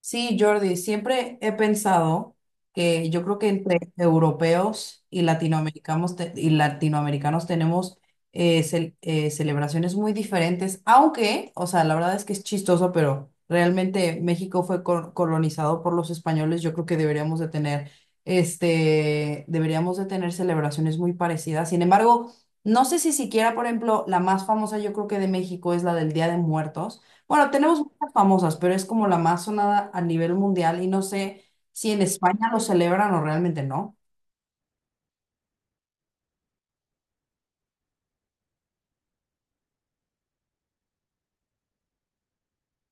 Sí, Jordi, siempre he pensado que yo creo que entre europeos y latinoamericanos, tenemos celebraciones muy diferentes, aunque, o sea, la verdad es que es chistoso, pero realmente México fue colonizado por los españoles. Yo creo que deberíamos de tener celebraciones muy parecidas. Sin embargo, no sé si siquiera, por ejemplo, la más famosa yo creo que de México es la del Día de Muertos. Bueno, tenemos muchas famosas, pero es como la más sonada a nivel mundial y no sé si en España lo celebran o realmente no.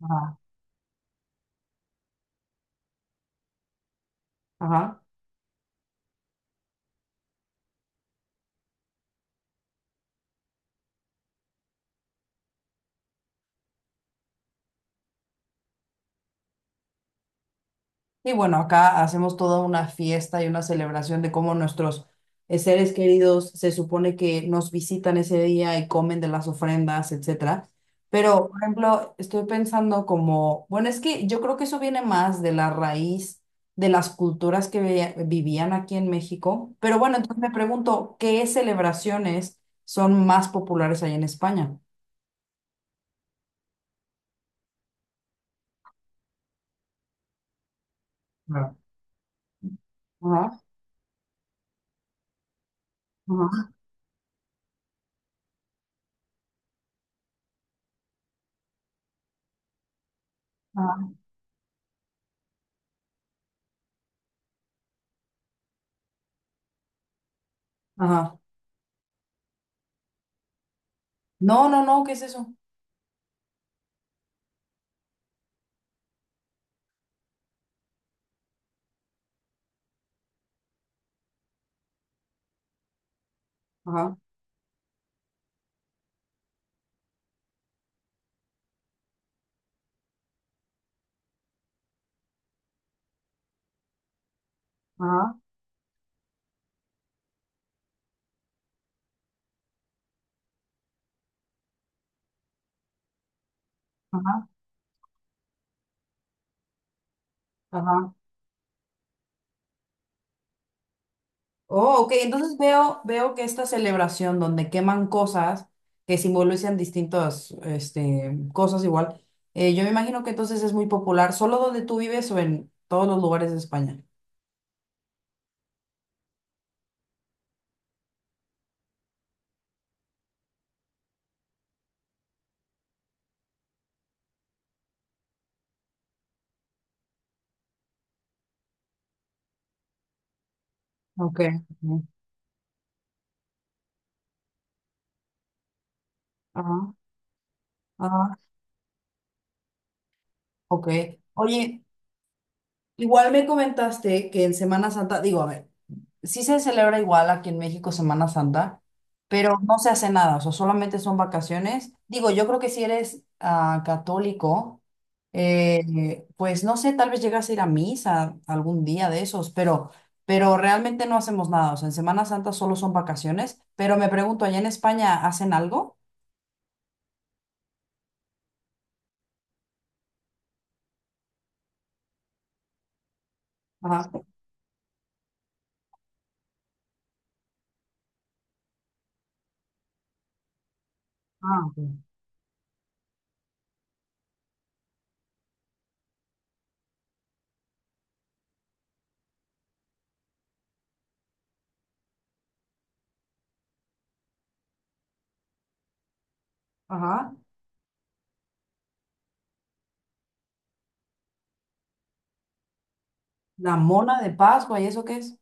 Ajá. Ajá. Y bueno, acá hacemos toda una fiesta y una celebración de cómo nuestros seres queridos se supone que nos visitan ese día y comen de las ofrendas, etcétera. Pero, por ejemplo, estoy pensando como, bueno, es que yo creo que eso viene más de la raíz de las culturas que vivían aquí en México. Pero bueno, entonces me pregunto, ¿qué celebraciones son más populares ahí en España? Claro. Ajá, ajá, ajá. Ajá. No, no, no, ¿qué es eso? Ajá, ajá, ajá, ajá. Oh, ok, entonces veo, veo que esta celebración donde queman cosas que simbolizan distintas este, cosas igual, yo me imagino que entonces es muy popular, ¿solo donde tú vives o en todos los lugares de España? Ok. Ujú. Ajá, ajá, ok. Oye, igual me comentaste que en Semana Santa, digo, a ver, sí se celebra igual aquí en México Semana Santa, pero no se hace nada, o sea, solamente son vacaciones. Digo, yo creo que si eres ah, católico, pues no sé, tal vez llegas a ir a misa algún día de esos, pero realmente no hacemos nada, o sea, en Semana Santa solo son vacaciones, pero me pregunto, ¿allá en España hacen algo? Ajá. Ah, ok. Ajá. La mona de Pascua, ¿y eso qué es?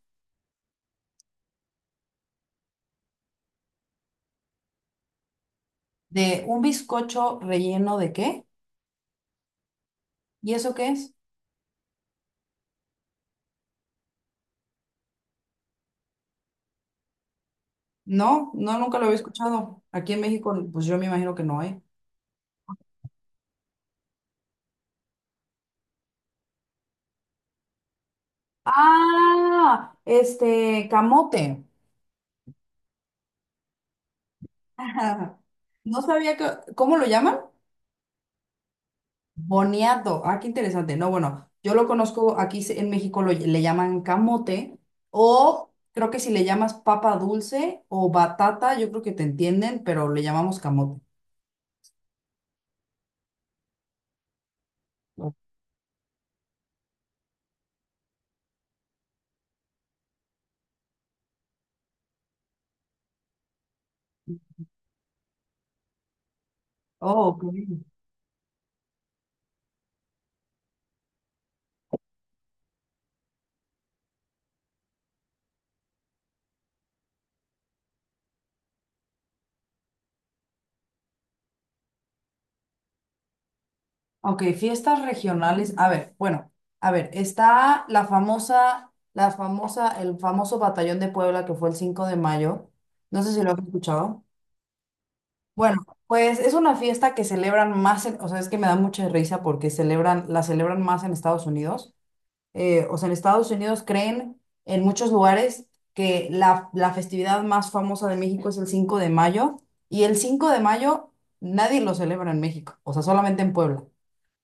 ¿De un bizcocho relleno de qué? ¿Y eso qué es? No, no, nunca lo había escuchado. Aquí en México, pues yo me imagino que no hay. Ah, este, camote. Ajá. No sabía que, ¿cómo lo llaman? Boniato. Ah, qué interesante. No, bueno, yo lo conozco, aquí en México lo, le llaman camote o creo que si le llamas papa dulce o batata, yo creo que te entienden, pero le llamamos camote. Oh, ok. Ok, fiestas regionales. A ver, bueno, a ver, está la famosa, el famoso Batallón de Puebla que fue el 5 de mayo. No sé si lo has escuchado. Bueno, pues es una fiesta que celebran más, o sea, es que me da mucha risa porque celebran, la celebran más en Estados Unidos. O sea, en Estados Unidos creen en muchos lugares que la festividad más famosa de México es el 5 de mayo y el 5 de mayo nadie lo celebra en México, o sea, solamente en Puebla.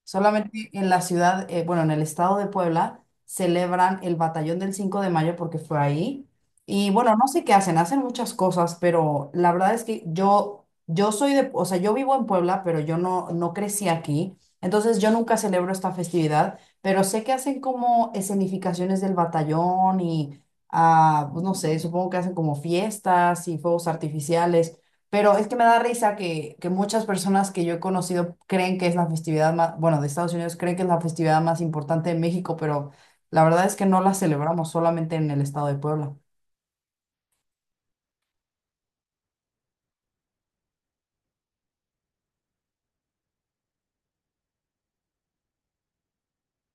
Solamente en la ciudad, bueno, en el estado de Puebla, celebran el Batallón del 5 de mayo porque fue ahí. Y bueno, no sé qué hacen, hacen muchas cosas, pero la verdad es que yo soy de, o sea, yo vivo en Puebla, pero yo no crecí aquí. Entonces yo nunca celebro esta festividad, pero sé que hacen como escenificaciones del batallón y, ah, pues no sé, supongo que hacen como fiestas y fuegos artificiales. Pero es que me da risa que muchas personas que yo he conocido creen que es la festividad más, bueno, de Estados Unidos creen que es la festividad más importante de México, pero la verdad es que no la celebramos solamente en el estado de Puebla.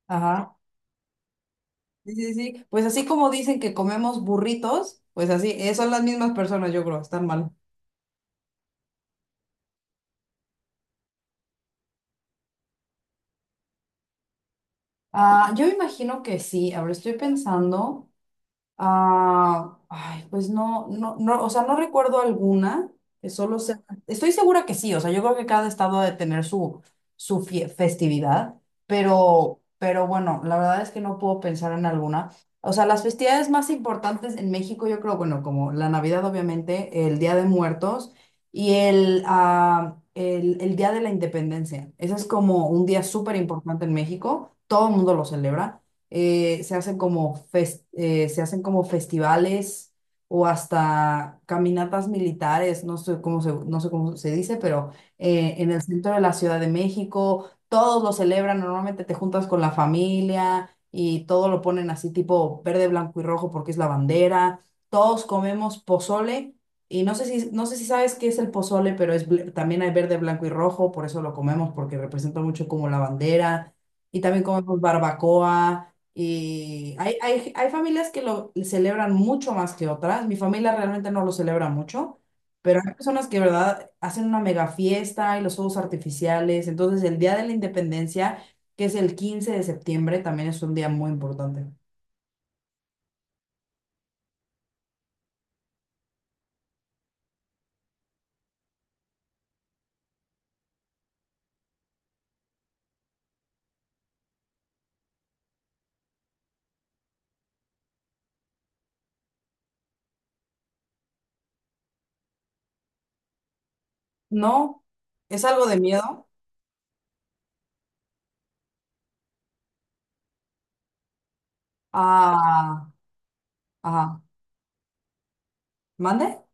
Ajá. Sí, sí, sí. Pues así como dicen que comemos burritos, pues así, son las mismas personas, yo creo, están mal. Ah, yo imagino que sí. Ahora estoy pensando. Ah, ay, pues no, no, no, o sea, no recuerdo alguna, que solo sea, estoy segura que sí, o sea, yo creo que cada estado ha de tener su, su festividad, pero, bueno, la verdad es que no puedo pensar en alguna. O sea, las festividades más importantes en México, yo creo, bueno, como la Navidad, obviamente, el Día de Muertos y el Día de la Independencia. Ese es como un día súper importante en México, todo el mundo lo celebra se hacen como festivales o hasta caminatas militares, no sé cómo se dice, pero en el centro de la Ciudad de México, todos lo celebran, normalmente te juntas con la familia y todo lo ponen así tipo verde, blanco y rojo porque es la bandera, todos comemos pozole. Y no sé si, no sé si sabes qué es el pozole, pero es, también hay verde, blanco y rojo, por eso lo comemos, porque representa mucho como la bandera. Y también comemos barbacoa, y hay familias que lo celebran mucho más que otras. Mi familia realmente no lo celebra mucho, pero hay personas que, verdad, hacen una mega fiesta y los fuegos artificiales. Entonces, el Día de la Independencia, que es el 15 de septiembre, también es un día muy importante. No, es algo de miedo. Ah, ajá. ¿Mande?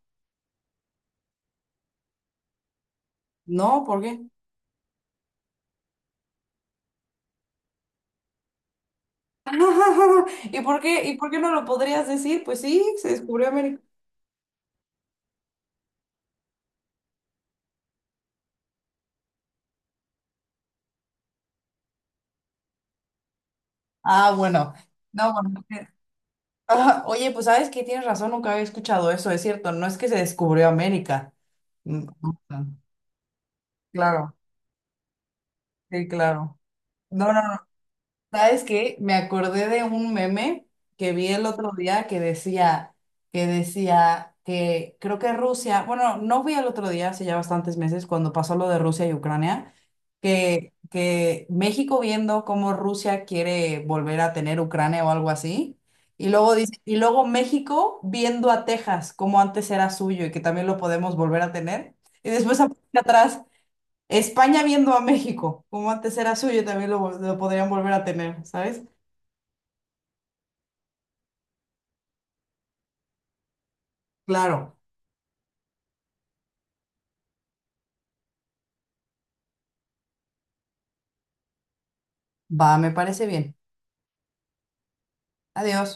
No, ¿por qué? Y por qué no lo podrías decir? Pues sí, se descubrió América. Ah, bueno. No, bueno, ok. Ah, oye, pues sabes que tienes razón, nunca había escuchado eso, es cierto, no es que se descubrió América. Mm, ah, claro, sí, claro. No, no, no. ¿Sabes qué? Me acordé de un meme que vi el otro día que decía, que decía que creo que Rusia, bueno, no vi el otro día, hace ya bastantes meses, cuando pasó lo de Rusia y Ucrania, que México viendo cómo Rusia quiere volver a tener Ucrania o algo así, y luego dice, y luego México viendo a Texas como antes era suyo y que también lo podemos volver a tener, y después aparece atrás, España viendo a México, como antes era suyo, también lo, lo podrían volver a tener, ¿sabes? Claro, va, me parece bien. Adiós.